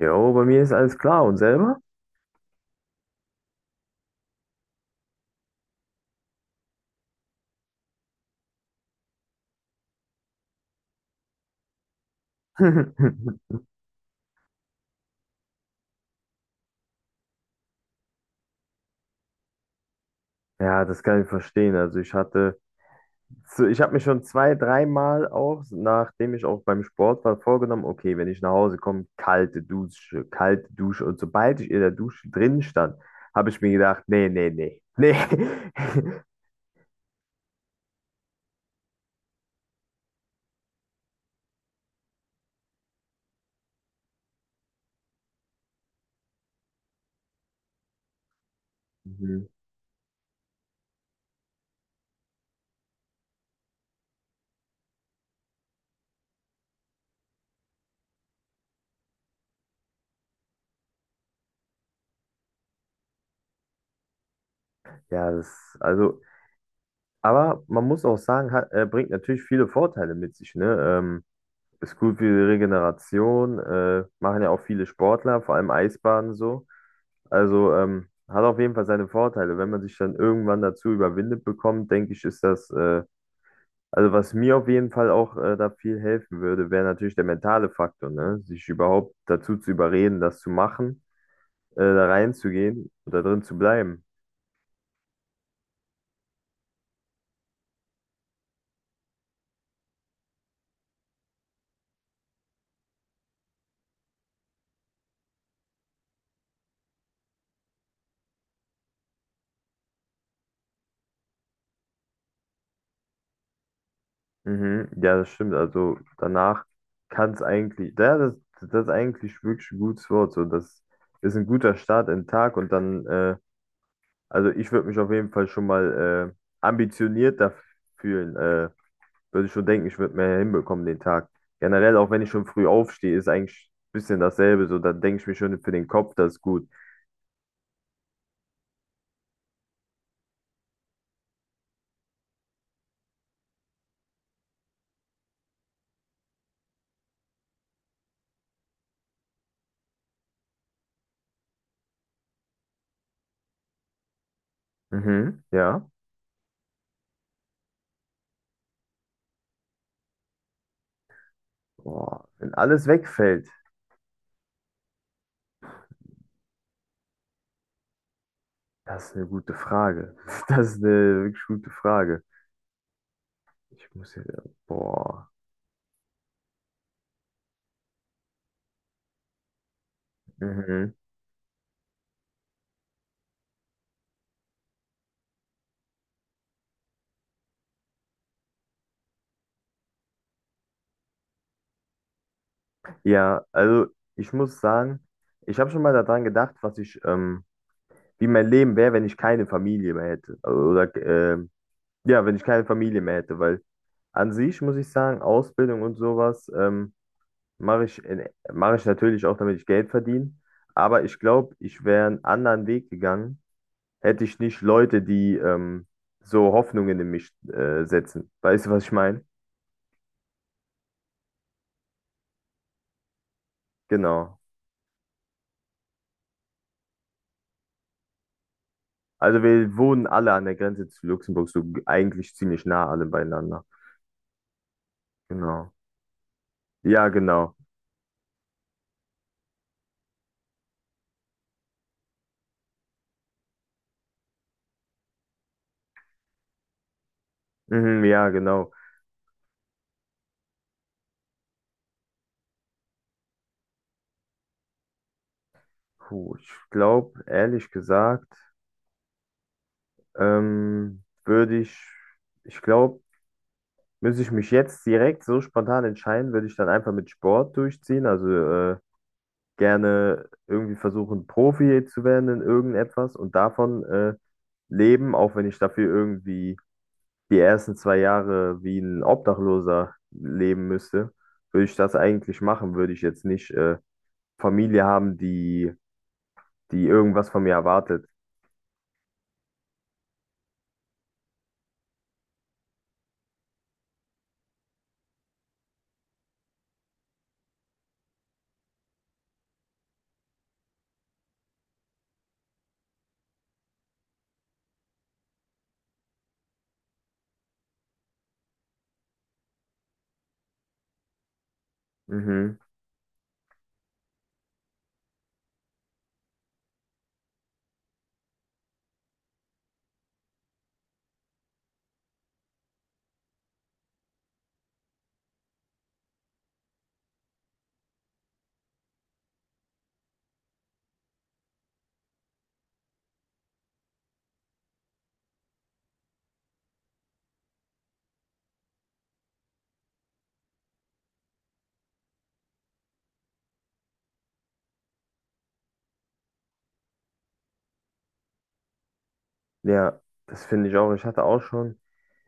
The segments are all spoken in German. Jo, bei mir ist alles klar . Und selber? Ja, das kann ich verstehen. Also ich hatte, ich habe mir schon 2-, 3-mal auch, nachdem ich auch beim Sport war, vorgenommen, okay, wenn ich nach Hause komme, kalte Dusche, kalte Dusche. Und sobald ich in der Dusche drin stand, habe ich mir gedacht, nee, nee, nee, nee. Mhm. Ja, das, also, aber man muss auch sagen, bringt natürlich viele Vorteile mit sich, ne? Ist gut für die Regeneration, machen ja auch viele Sportler, vor allem Eisbaden so. Also hat auf jeden Fall seine Vorteile. Wenn man sich dann irgendwann dazu überwindet bekommt, denke ich, also was mir auf jeden Fall auch da viel helfen würde, wäre natürlich der mentale Faktor, ne? Sich überhaupt dazu zu überreden, das zu machen, da reinzugehen und da drin zu bleiben. Mhm, ja, das stimmt. Also danach kann es eigentlich, ja, das ist eigentlich wirklich ein gutes Wort. So, das ist ein guter Start in den Tag und dann, also ich würde mich auf jeden Fall schon mal ambitioniert da fühlen. Würde ich schon denken, ich würde mehr hinbekommen den Tag. Generell, auch wenn ich schon früh aufstehe, ist eigentlich ein bisschen dasselbe. So, dann denke ich mir schon für den Kopf, das ist gut. Mhm, ja. Boah, wenn alles wegfällt, das ist eine gute Frage. Das ist eine wirklich gute Frage. Ich muss hier, boah. Mhm. Ja, also ich muss sagen, ich habe schon mal daran gedacht, wie mein Leben wäre, wenn ich keine Familie mehr hätte. Also, oder, ja, wenn ich keine Familie mehr hätte, weil an sich muss ich sagen, Ausbildung und sowas, mache ich, mache ich natürlich auch, damit ich Geld verdiene. Aber ich glaube, ich wäre einen anderen Weg gegangen, hätte ich nicht Leute, die so Hoffnungen in mich setzen. Weißt du, was ich meine? Genau. Also wir wohnen alle an der Grenze zu Luxemburg, so eigentlich ziemlich nah alle beieinander. Genau. Ja, genau. Mhm, ja, genau. Puh, ich glaube, ehrlich gesagt, ähm, würde ich, ich glaube, müsste ich mich jetzt direkt so spontan entscheiden, würde ich dann einfach mit Sport durchziehen. Also gerne irgendwie versuchen, Profi zu werden in irgendetwas und davon leben, auch wenn ich dafür irgendwie die ersten 2 Jahre wie ein Obdachloser leben müsste, würde ich das eigentlich machen. Würde ich jetzt nicht Familie haben, die irgendwas von mir erwartet. Mhm. Ja, das finde ich auch. Ich hatte auch schon.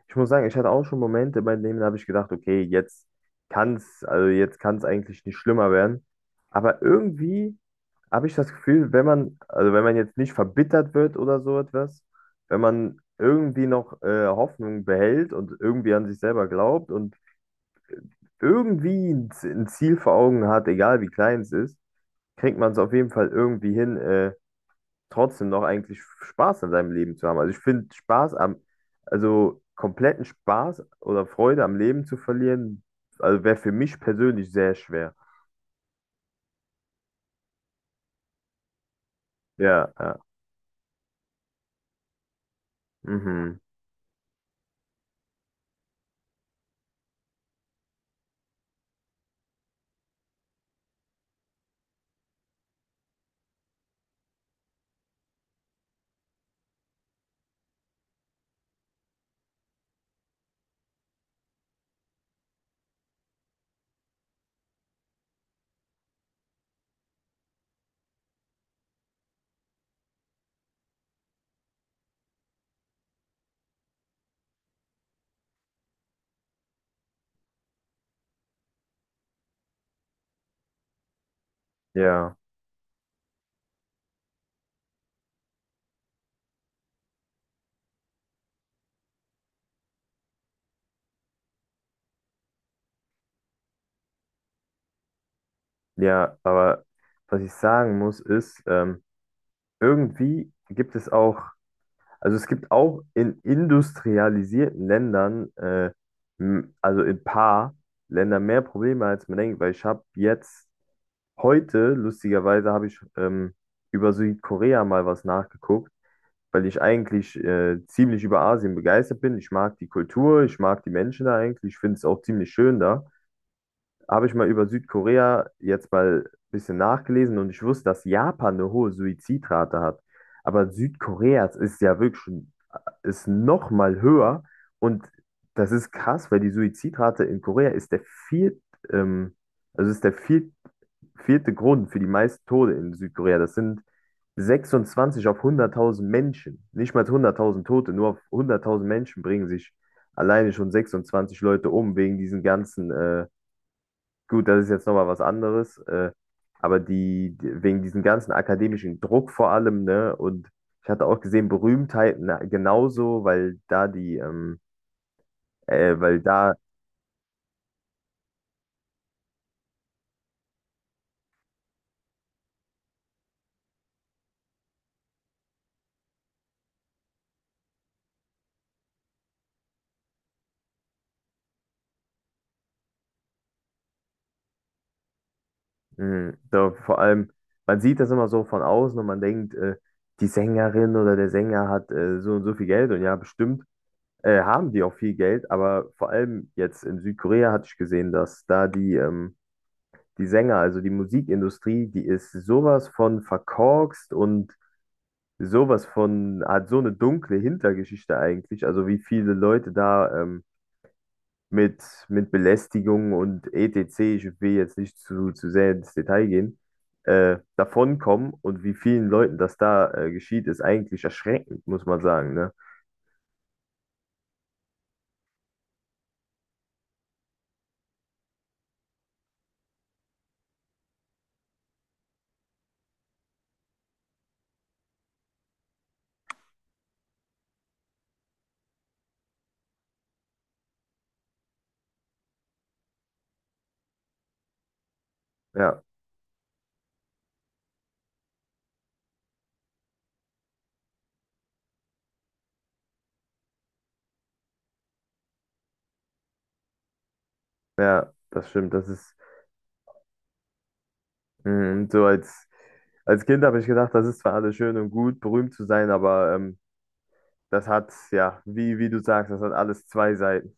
Ich muss sagen, ich hatte auch schon Momente, bei denen habe ich gedacht, okay, jetzt also jetzt kann es eigentlich nicht schlimmer werden. Aber irgendwie habe ich das Gefühl, wenn man, also wenn man jetzt nicht verbittert wird oder so etwas, wenn man irgendwie noch Hoffnung behält und irgendwie an sich selber glaubt und irgendwie ein ein Ziel vor Augen hat, egal wie klein es ist, kriegt man es auf jeden Fall irgendwie hin, trotzdem noch eigentlich Spaß an seinem Leben zu haben. Also ich finde also kompletten Spaß oder Freude am Leben zu verlieren, also wäre für mich persönlich sehr schwer. Ja, ja, mhm, ja, ja, aber was ich sagen muss, ist, irgendwie gibt es auch, also es gibt auch in industrialisierten Ländern, also in ein paar Ländern mehr Probleme, als man denkt, weil ich habe jetzt heute, lustigerweise, habe ich über Südkorea mal was nachgeguckt, weil ich eigentlich ziemlich über Asien begeistert bin. Ich mag die Kultur, ich mag die Menschen da eigentlich, ich finde es auch ziemlich schön da. Habe ich mal über Südkorea jetzt mal ein bisschen nachgelesen und ich wusste, dass Japan eine hohe Suizidrate hat. Aber Südkorea ist ja wirklich schon, ist noch mal höher und das ist krass, weil die Suizidrate in Korea ist der viert, ähm, also ist der vierte Grund für die meisten Tode in Südkorea. Das sind 26 auf 100.000 Menschen. Nicht mal 100.000 Tote, nur auf 100.000 Menschen bringen sich alleine schon 26 Leute um wegen diesen ganzen, gut, das ist jetzt nochmal was anderes, aber wegen diesen ganzen akademischen Druck vor allem, ne? Und ich hatte auch gesehen, Berühmtheiten genauso, weil da mhm. Da, vor allem, man sieht das immer so von außen und man denkt, die Sängerin oder der Sänger hat so und so viel Geld und ja, bestimmt haben die auch viel Geld, aber vor allem jetzt in Südkorea hatte ich gesehen, dass da die, die Sänger, also die Musikindustrie, die ist sowas von verkorkst und sowas von, hat so eine dunkle Hintergeschichte eigentlich, also wie viele Leute da mit, mit Belästigung und etc., ich will jetzt nicht zu sehr ins Detail gehen, davonkommen und wie vielen Leuten das da geschieht, ist eigentlich erschreckend, muss man sagen, ne? Ja, ja, das stimmt. Das ist mm, als Kind habe ich gedacht, das ist zwar alles schön und gut, berühmt zu sein, aber das hat, ja, wie du sagst, das hat alles zwei Seiten.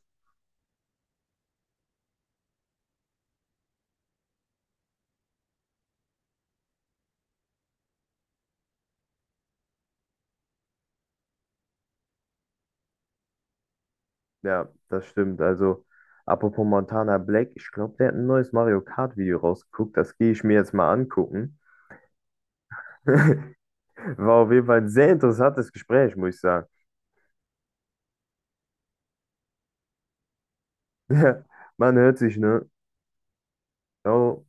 Ja, das stimmt. Also, apropos Montana Black, ich glaube, der hat ein neues Mario Kart Video rausgeguckt. Das gehe ich mir jetzt mal angucken. War auf jeden Fall ein sehr interessantes Gespräch, muss ich sagen. Man hört sich, ne? Ciao.